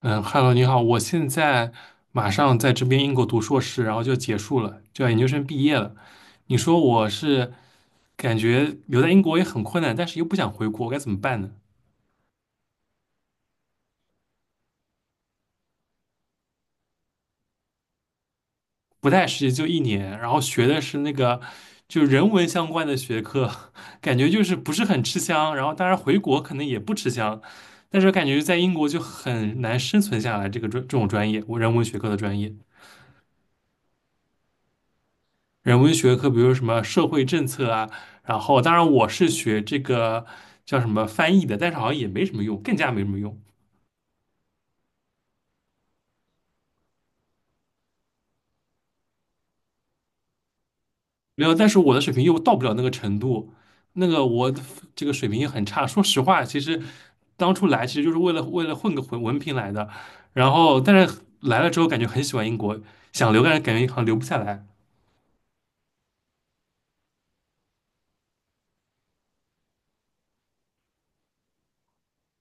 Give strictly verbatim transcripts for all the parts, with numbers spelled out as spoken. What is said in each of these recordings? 嗯，Hello，你好，我现在马上在这边英国读硕士，然后就结束了，就要研究生毕业了。你说我是感觉留在英国也很困难，但是又不想回国，该怎么办呢？不太实习就一年，然后学的是那个就人文相关的学科，感觉就是不是很吃香。然后当然回国可能也不吃香，但是感觉在英国就很难生存下来这个专这种专业，我人文学科的专业。人文学科，比如什么社会政策啊，然后当然我是学这个叫什么翻译的，但是好像也没什么用，更加没什么用。没有，但是我的水平又到不了那个程度，那个我的这个水平也很差。说实话，其实当初来其实就是为了为了混个文文凭来的，然后但是来了之后感觉很喜欢英国，想留但是感觉好像留不下来。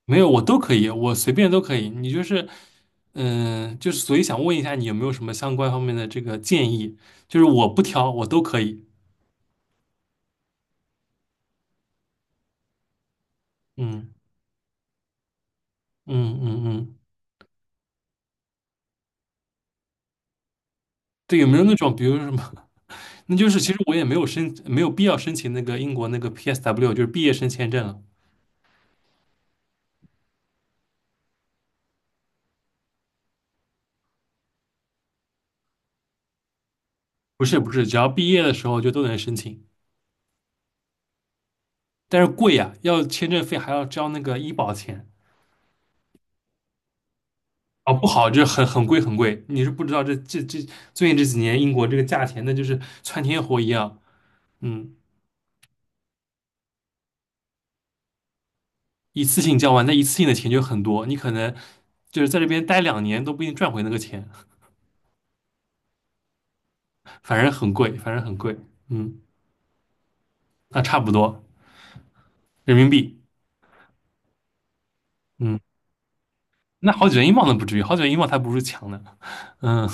没有，我都可以，我随便都可以。你就是，嗯、就是所以想问一下，你有没有什么相关方面的这个建议？就是我不挑，我都可以。嗯嗯嗯嗯，对，有没有那种，比如说什么？那就是其实我也没有申，没有必要申请那个英国那个 P S W，就是毕业生签证了。不是不是，只要毕业的时候就都能申请，但是贵呀、要签证费还要交那个医保钱。哦，不好，就很很贵很贵。你是不知道这这这最近这几年英国这个价钱，那就是窜天猴一样。嗯。一次性交完，那一次性的钱就很多，你可能就是在这边待两年都不一定赚回那个钱，反正很贵，反正很贵。嗯，那差不多人民币。嗯，那好几元英镑都不至于，好几元英镑它不是强的。嗯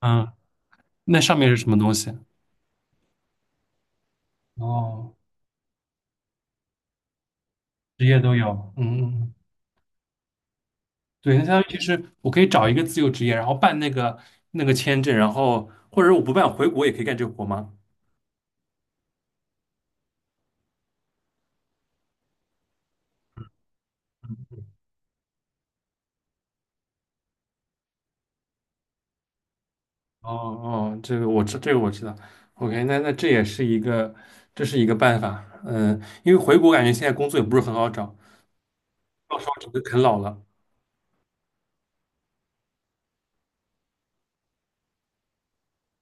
嗯，那上面是什么东西？哦，职业都有。嗯嗯，嗯对，那相当于其实我可以找一个自由职业，然后办那个那个签证，然后或者我不办回国也可以干这个活吗？哦哦，这个我知，这个我知道。OK，那那这也是一个，这是一个办法。嗯，因为回国感觉现在工作也不是很好找，到时候整个啃老了。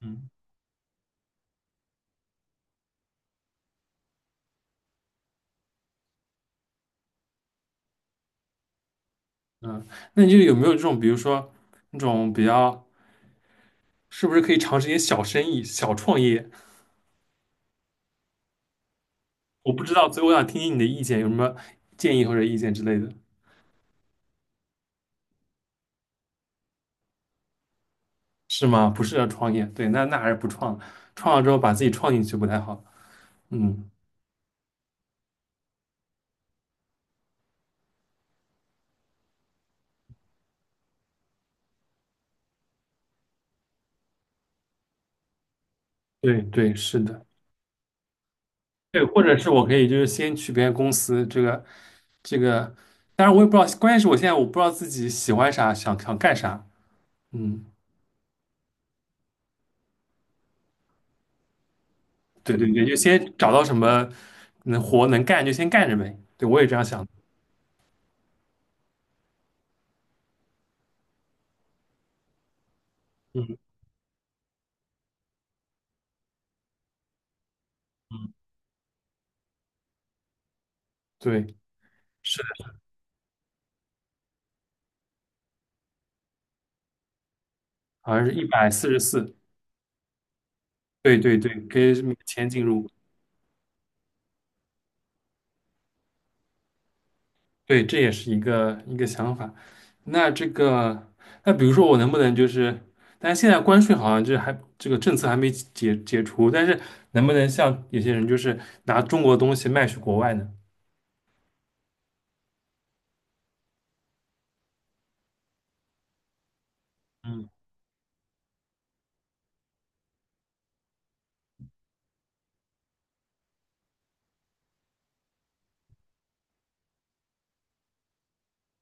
嗯嗯，那你就有没有这种，比如说那种比较，是不是可以尝试一些小生意、小创业？我不知道，所以我想听听你的意见，有什么建议或者意见之类的？是吗？不是要创业，对，那那还是不创了，创了之后把自己创进去不太好。嗯，对对，是的。对，或者是我可以就是先去别人公司，这个这个，当然我也不知道，关键是我现在我不知道自己喜欢啥，想想干啥。嗯，对对对，就先找到什么能活能干就先干着呗。对，我也这样想的。嗯嗯，对，是的，好像是一百四十四。对对对，可以每天进入。对，这也是一个一个想法。那这个，那比如说我能不能就是，但是现在关税好像就是还这个政策还没解解除，但是能不能像有些人就是拿中国的东西卖去国外呢？嗯。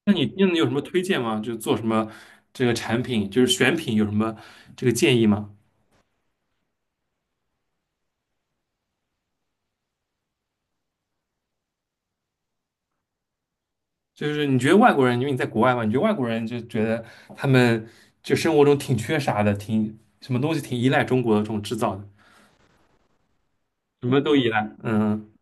那你那你有什么推荐吗？就做什么这个产品，就是选品有什么这个建议吗？就是你觉得外国人，因为你在国外嘛，你觉得外国人就觉得他们就生活中挺缺啥的，挺什么东西挺依赖中国的这种制造的，什么都依赖。嗯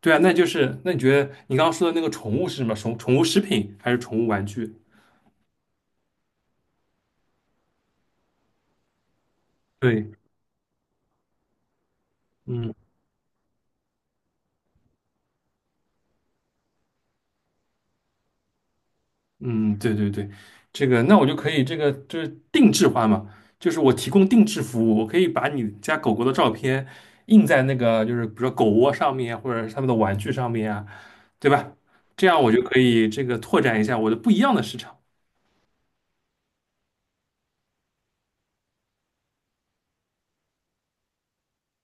对啊，那就是那你觉得你刚刚说的那个宠物是什么？宠宠物食品还是宠物玩具？对，嗯嗯，对对对，这个那我就可以这个就是定制化嘛，就是我提供定制服务，我可以把你家狗狗的照片印在那个就是比如说狗窝上面或者是他们的玩具上面啊，对吧？这样我就可以这个拓展一下我的不一样的市场。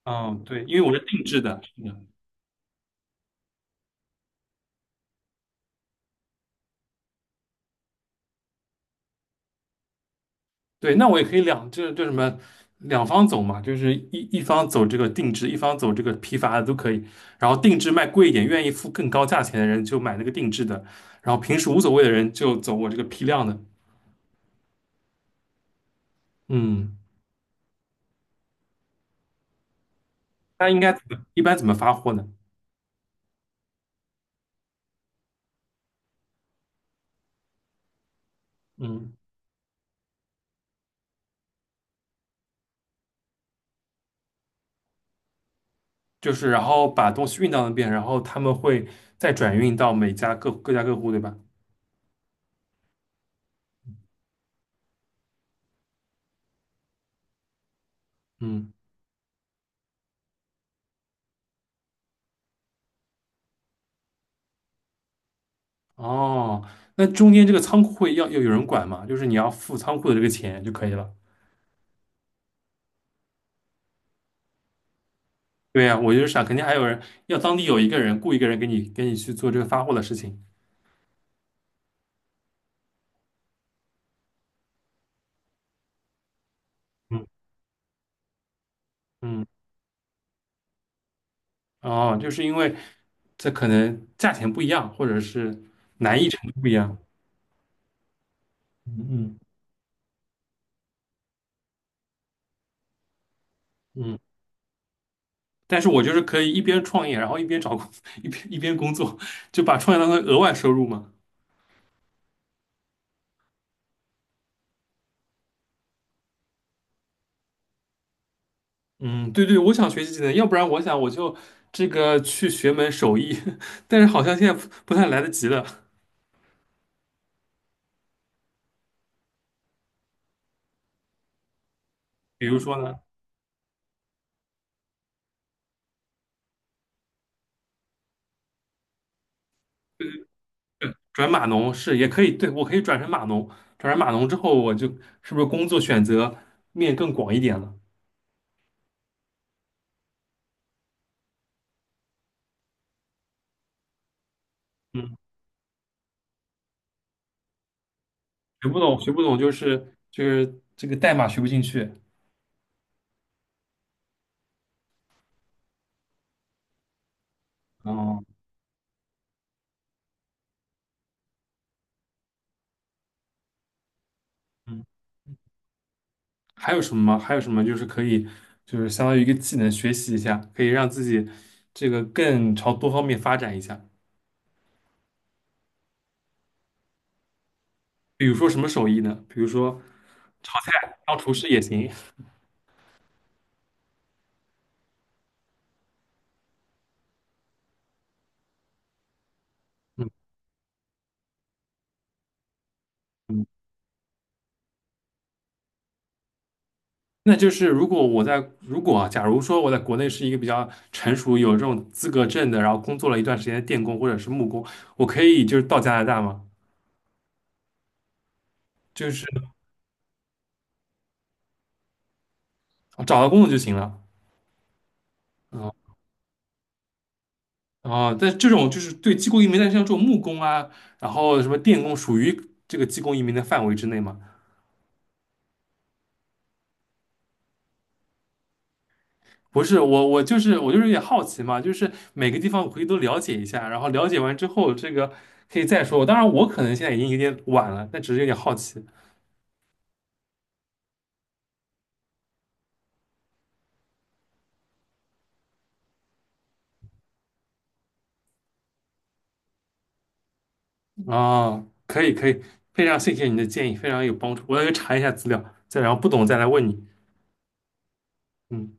嗯，对，因为我是定制的。对，那我也可以两，就是就什么两方走嘛，就是一一方走这个定制，一方走这个批发的都可以。然后定制卖贵一点，愿意付更高价钱的人就买那个定制的，然后平时无所谓的人就走我这个批量的。嗯，那应该怎么一般怎么发货呢？嗯，就是然后把东西运到那边，然后他们会再转运到每家各各家各户，对吧？嗯，哦，那中间这个仓库会要要有人管吗？就是你要付仓库的这个钱就可以了。对呀，我就是想，肯定还有人要当地有一个人雇一个人给你给你去做这个发货的事情。嗯，嗯，哦，就是因为这可能价钱不一样，或者是不一样。嗯嗯嗯。但是我就是可以一边创业，然后一边找工，一边一边工作，就把创业当成额外收入嘛。嗯，对对，我想学习技能，要不然我想我就这个去学门手艺，但是好像现在不不太来得及了。比如说呢？转码农是也可以，对，我可以转成码农，转成码农之后，我就是不是工作选择面更广一点了？嗯，学不懂，学不懂就是就是这个代码学不进去。哦，嗯，还有什么吗？还有什么就是可以就是相当于一个技能学习一下，可以让自己这个更朝多方面发展一下。比如说什么手艺呢？比如说炒菜，当厨师也行。嗯嗯，那就是如果我在如果啊假如说我在国内是一个比较成熟、有这种资格证的，然后工作了一段时间的电工或者是木工，我可以就是到加拿大吗？就是找到工作就行了。啊啊，但这种就是对技工移民，但是像这种木工啊，然后什么电工，属于这个技工移民的范围之内吗？不是，我我就是我就是有点好奇嘛，就是每个地方我可以都了解一下，然后了解完之后，这个可以再说。当然，我可能现在已经有点晚了，但只是有点好奇。哦，可以可以，非常谢谢你的建议，非常有帮助。我要去查一下资料，再然后不懂再来问你。嗯。